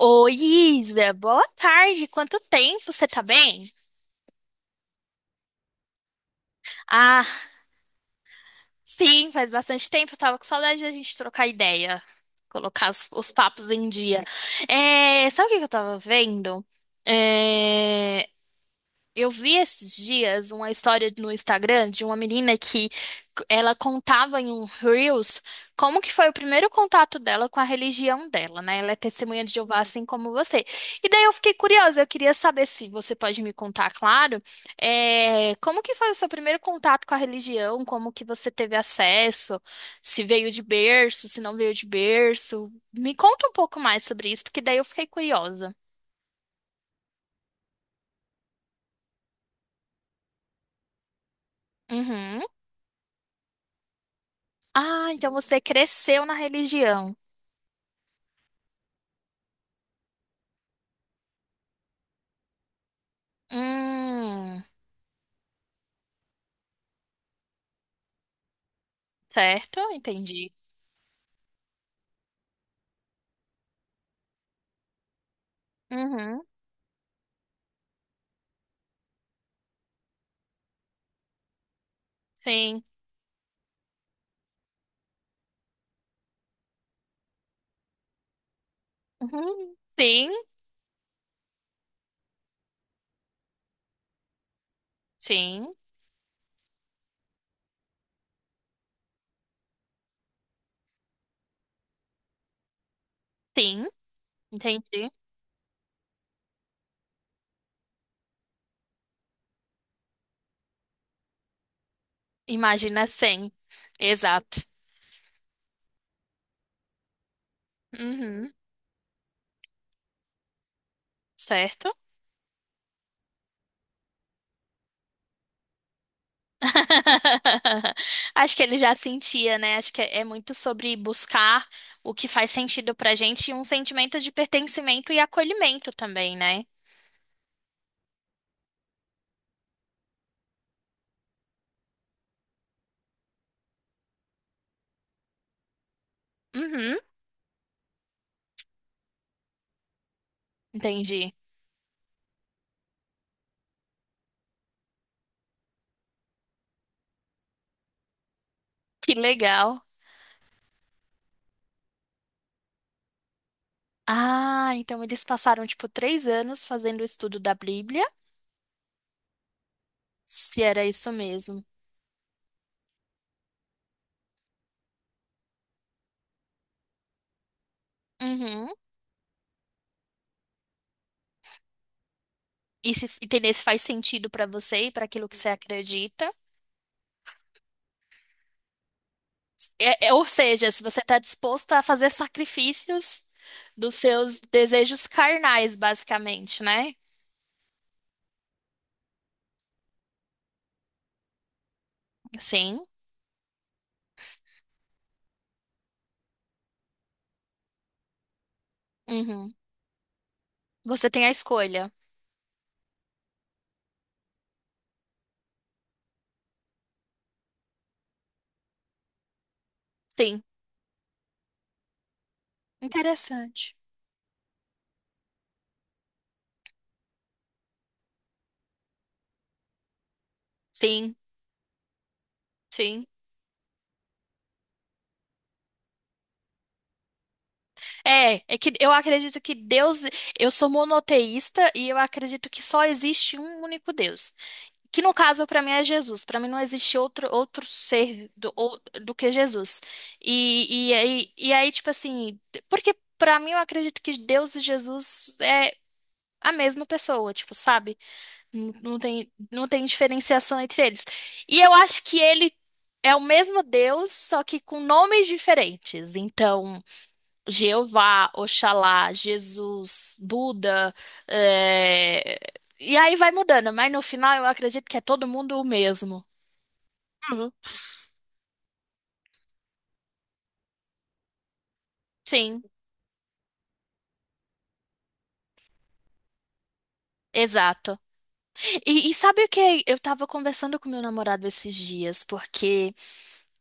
Oi, Isa, boa tarde. Quanto tempo? Você tá bem? Ah, sim, faz bastante tempo. Eu tava com saudade da gente trocar ideia, colocar os papos em dia. É, sabe o que que eu tava vendo? É, Eu vi esses dias uma história no Instagram de uma menina que ela contava em um Reels como que foi o primeiro contato dela com a religião dela, né? Ela é testemunha de Jeová, assim como você. E daí eu fiquei curiosa, eu queria saber se você pode me contar, claro, como que foi o seu primeiro contato com a religião, como que você teve acesso, se veio de berço, se não veio de berço. Me conta um pouco mais sobre isso, porque daí eu fiquei curiosa. Uhum. Ah, então você cresceu na religião. Hum, certo, entendi. Uhum, sim. Uhum, sim, sim, sim, entendi. Imagina 100. Exato. Uhum, certo. Acho que ele já sentia, né? Acho que é muito sobre buscar o que faz sentido pra gente e um sentimento de pertencimento e acolhimento também, né? Uhum, entendi. Que legal. Ah, então eles passaram tipo 3 anos fazendo o estudo da Bíblia, se era isso mesmo. Uhum. E se entender se faz sentido pra você e pra aquilo que você acredita. Ou seja, se você está disposta a fazer sacrifícios dos seus desejos carnais, basicamente, né? Sim. Uhum. Você tem a escolha. Sim. Interessante. Sim, sim. É que eu acredito que Deus, eu sou monoteísta e eu acredito que só existe um único Deus. Que no caso, para mim, é Jesus. Para mim, não existe outro, outro ser do que Jesus. E aí, tipo assim, porque para mim eu acredito que Deus e Jesus é a mesma pessoa, tipo, sabe? Não, não tem diferenciação entre eles. E eu acho que ele é o mesmo Deus, só que com nomes diferentes. Então. Jeová, Oxalá, Jesus, Buda, é, e aí vai mudando, mas no final eu acredito que é todo mundo o mesmo. Uhum. Sim, exato. E sabe o que? Eu tava conversando com meu namorado esses dias, porque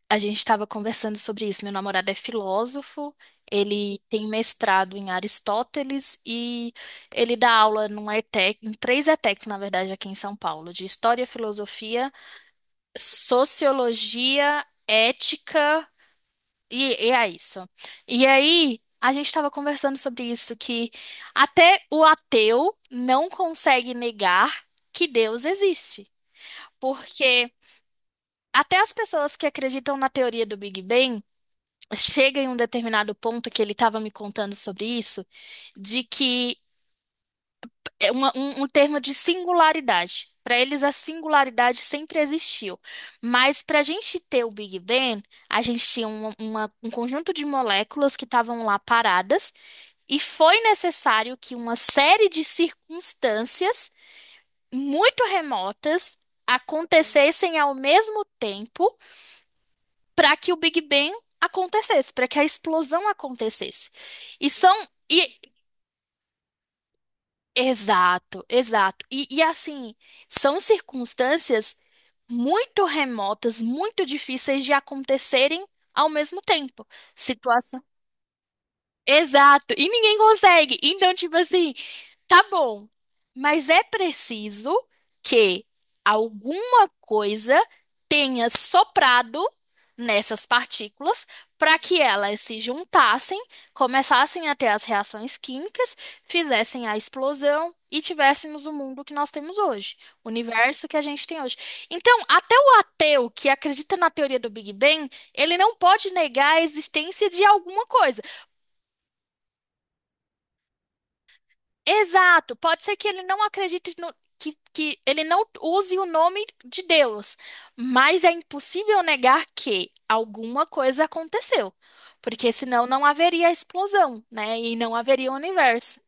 a gente tava conversando sobre isso. Meu namorado é filósofo, ele tem mestrado em Aristóteles e ele dá aula numa ETEC, em três ETECs, na verdade, aqui em São Paulo, de História, Filosofia, sociologia, ética, e é isso. E aí, a gente estava conversando sobre isso, que até o ateu não consegue negar que Deus existe. Porque até as pessoas que acreditam na teoria do Big Bang chegam em um determinado ponto que ele estava me contando sobre isso, de que é um termo de singularidade. Para eles, a singularidade sempre existiu. Mas para a gente ter o Big Bang, a gente tinha um conjunto de moléculas que estavam lá paradas, e foi necessário que uma série de circunstâncias muito remotas acontecessem ao mesmo tempo para que o Big Bang acontecesse, para que a explosão acontecesse. E são. Exato, exato. E assim, são circunstâncias muito remotas, muito difíceis de acontecerem ao mesmo tempo. Situação. Exato. E ninguém consegue. Então, tipo assim, tá bom, mas é preciso que alguma coisa tenha soprado nessas partículas para que elas se juntassem, começassem a ter as reações químicas, fizessem a explosão e tivéssemos o mundo que nós temos hoje, o universo que a gente tem hoje. Então, até o ateu que acredita na teoria do Big Bang, ele não pode negar a existência de alguma coisa. Exato, pode ser que ele não acredite no, que ele não use o nome de Deus, mas é impossível negar que alguma coisa aconteceu, porque senão não haveria explosão, né? E não haveria universo.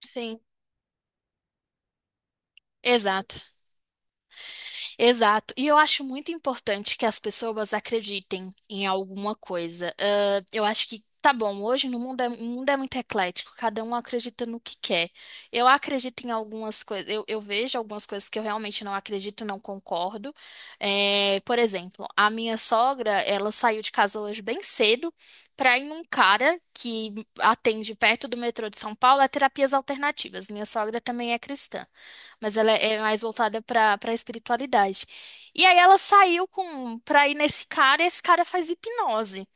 Sim. Exato. Exato. E eu acho muito importante que as pessoas acreditem em alguma coisa. Ah, eu acho que tá bom, hoje no mundo o mundo é muito eclético, cada um acredita no que quer. Eu acredito em algumas coisas, eu vejo algumas coisas que eu realmente não acredito, não concordo. É, por exemplo, a minha sogra, ela saiu de casa hoje bem cedo para ir num cara que atende perto do metrô de São Paulo a terapias alternativas. Minha sogra também é cristã, mas ela é mais voltada para espiritualidade. E aí ela saiu com para ir nesse cara e esse cara faz hipnose.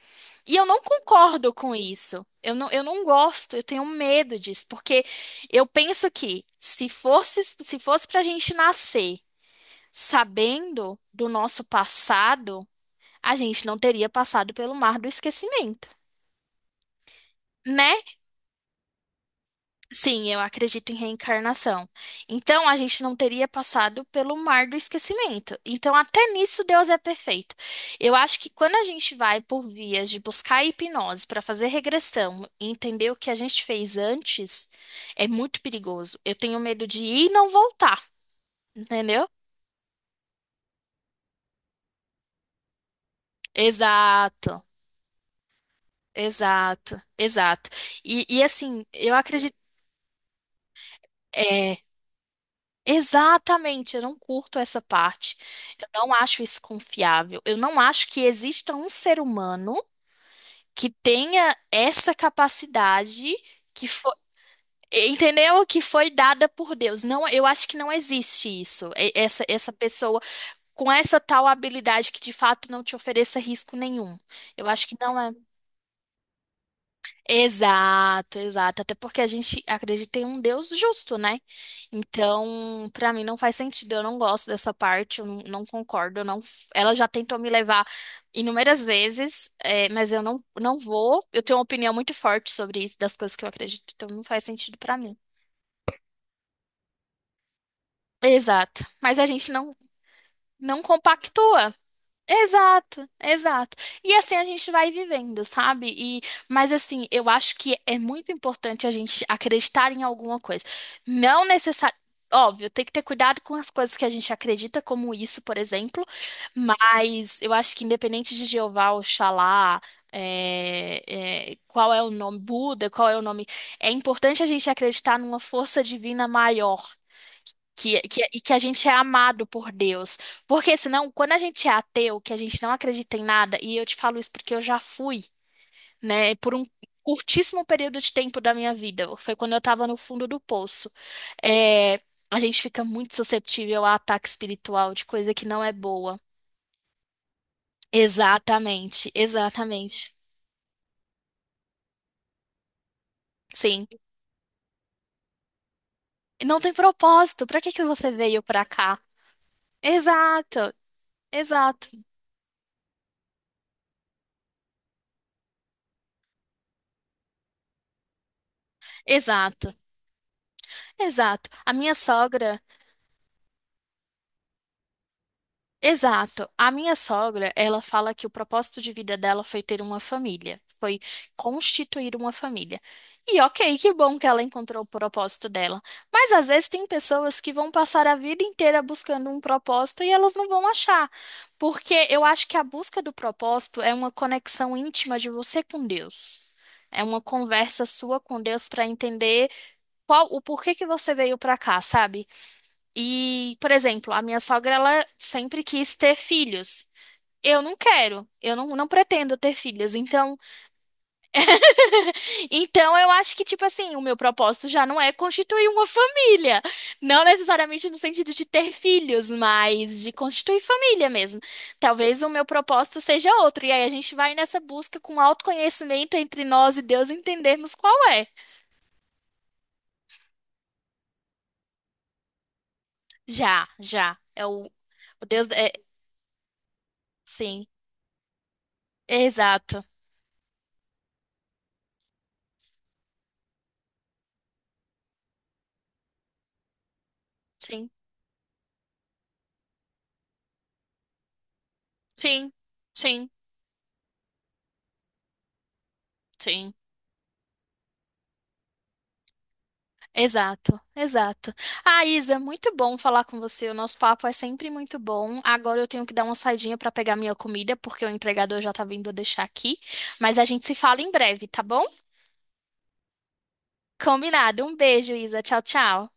E eu não concordo com isso. Eu não gosto, eu tenho medo disso, porque eu penso que se fosse para a gente nascer sabendo do nosso passado, a gente não teria passado pelo mar do esquecimento, né? Sim, eu acredito em reencarnação. Então, a gente não teria passado pelo mar do esquecimento. Então, até nisso, Deus é perfeito. Eu acho que quando a gente vai por vias de buscar a hipnose para fazer regressão e entender o que a gente fez antes, é muito perigoso. Eu tenho medo de ir e não voltar, entendeu? Exato, exato, exato. E assim, eu acredito. é, Exatamente, eu não curto essa parte. Eu não acho isso confiável. Eu não acho que exista um ser humano que tenha essa capacidade que foi, entendeu? Que foi dada por Deus. Não, eu acho que não existe isso. Essa pessoa com essa tal habilidade que de fato não te ofereça risco nenhum. Eu acho que não é. Exato, exato. Até porque a gente acredita em um Deus justo, né? Então, pra mim não faz sentido. Eu não gosto dessa parte, eu não concordo. Eu não, ela já tentou me levar inúmeras vezes, mas eu não vou. Eu tenho uma opinião muito forte sobre isso, das coisas que eu acredito, então não faz sentido pra mim. Exato. Mas a gente não compactua. Exato, exato. E assim a gente vai vivendo, sabe? Mas assim, eu acho que é muito importante a gente acreditar em alguma coisa. Não necessariamente. Óbvio, tem que ter cuidado com as coisas que a gente acredita, como isso, por exemplo. Mas eu acho que independente de Jeová, Oxalá, é, qual é o nome, Buda, qual é o nome, é importante a gente acreditar numa força divina maior. E que a gente é amado por Deus. Porque senão, quando a gente é ateu, que a gente não acredita em nada, e eu te falo isso porque eu já fui, né, por um curtíssimo período de tempo da minha vida, foi quando eu estava no fundo do poço. É, a gente fica muito susceptível a ataque espiritual de coisa que não é boa. Exatamente, exatamente. Sim. Não tem propósito. Pra que que você veio pra cá? Exato, exato, exato, exato. A minha sogra. Exato. A minha sogra, ela fala que o propósito de vida dela foi ter uma família, foi constituir uma família. E ok, que bom que ela encontrou o propósito dela. Mas às vezes tem pessoas que vão passar a vida inteira buscando um propósito e elas não vão achar. Porque eu acho que a busca do propósito é uma conexão íntima de você com Deus. É uma conversa sua com Deus para entender qual o porquê que você veio para cá, sabe? E, por exemplo, a minha sogra, ela sempre quis ter filhos. Eu não quero, eu não pretendo ter filhos. Então, então eu acho que, tipo assim, o meu propósito já não é constituir uma família. Não necessariamente no sentido de ter filhos, mas de constituir família mesmo. Talvez o meu propósito seja outro. E aí a gente vai nessa busca com autoconhecimento entre nós e Deus entendermos qual é. Já, já. É o Deus. É, sim, exato. Sim. Sim, sim, sim. Exato, exato. Ah, Isa, muito bom falar com você. O nosso papo é sempre muito bom. Agora eu tenho que dar uma saidinha para pegar minha comida, porque o entregador já tá vindo deixar aqui. Mas a gente se fala em breve, tá bom? Combinado. Um beijo, Isa. Tchau, tchau.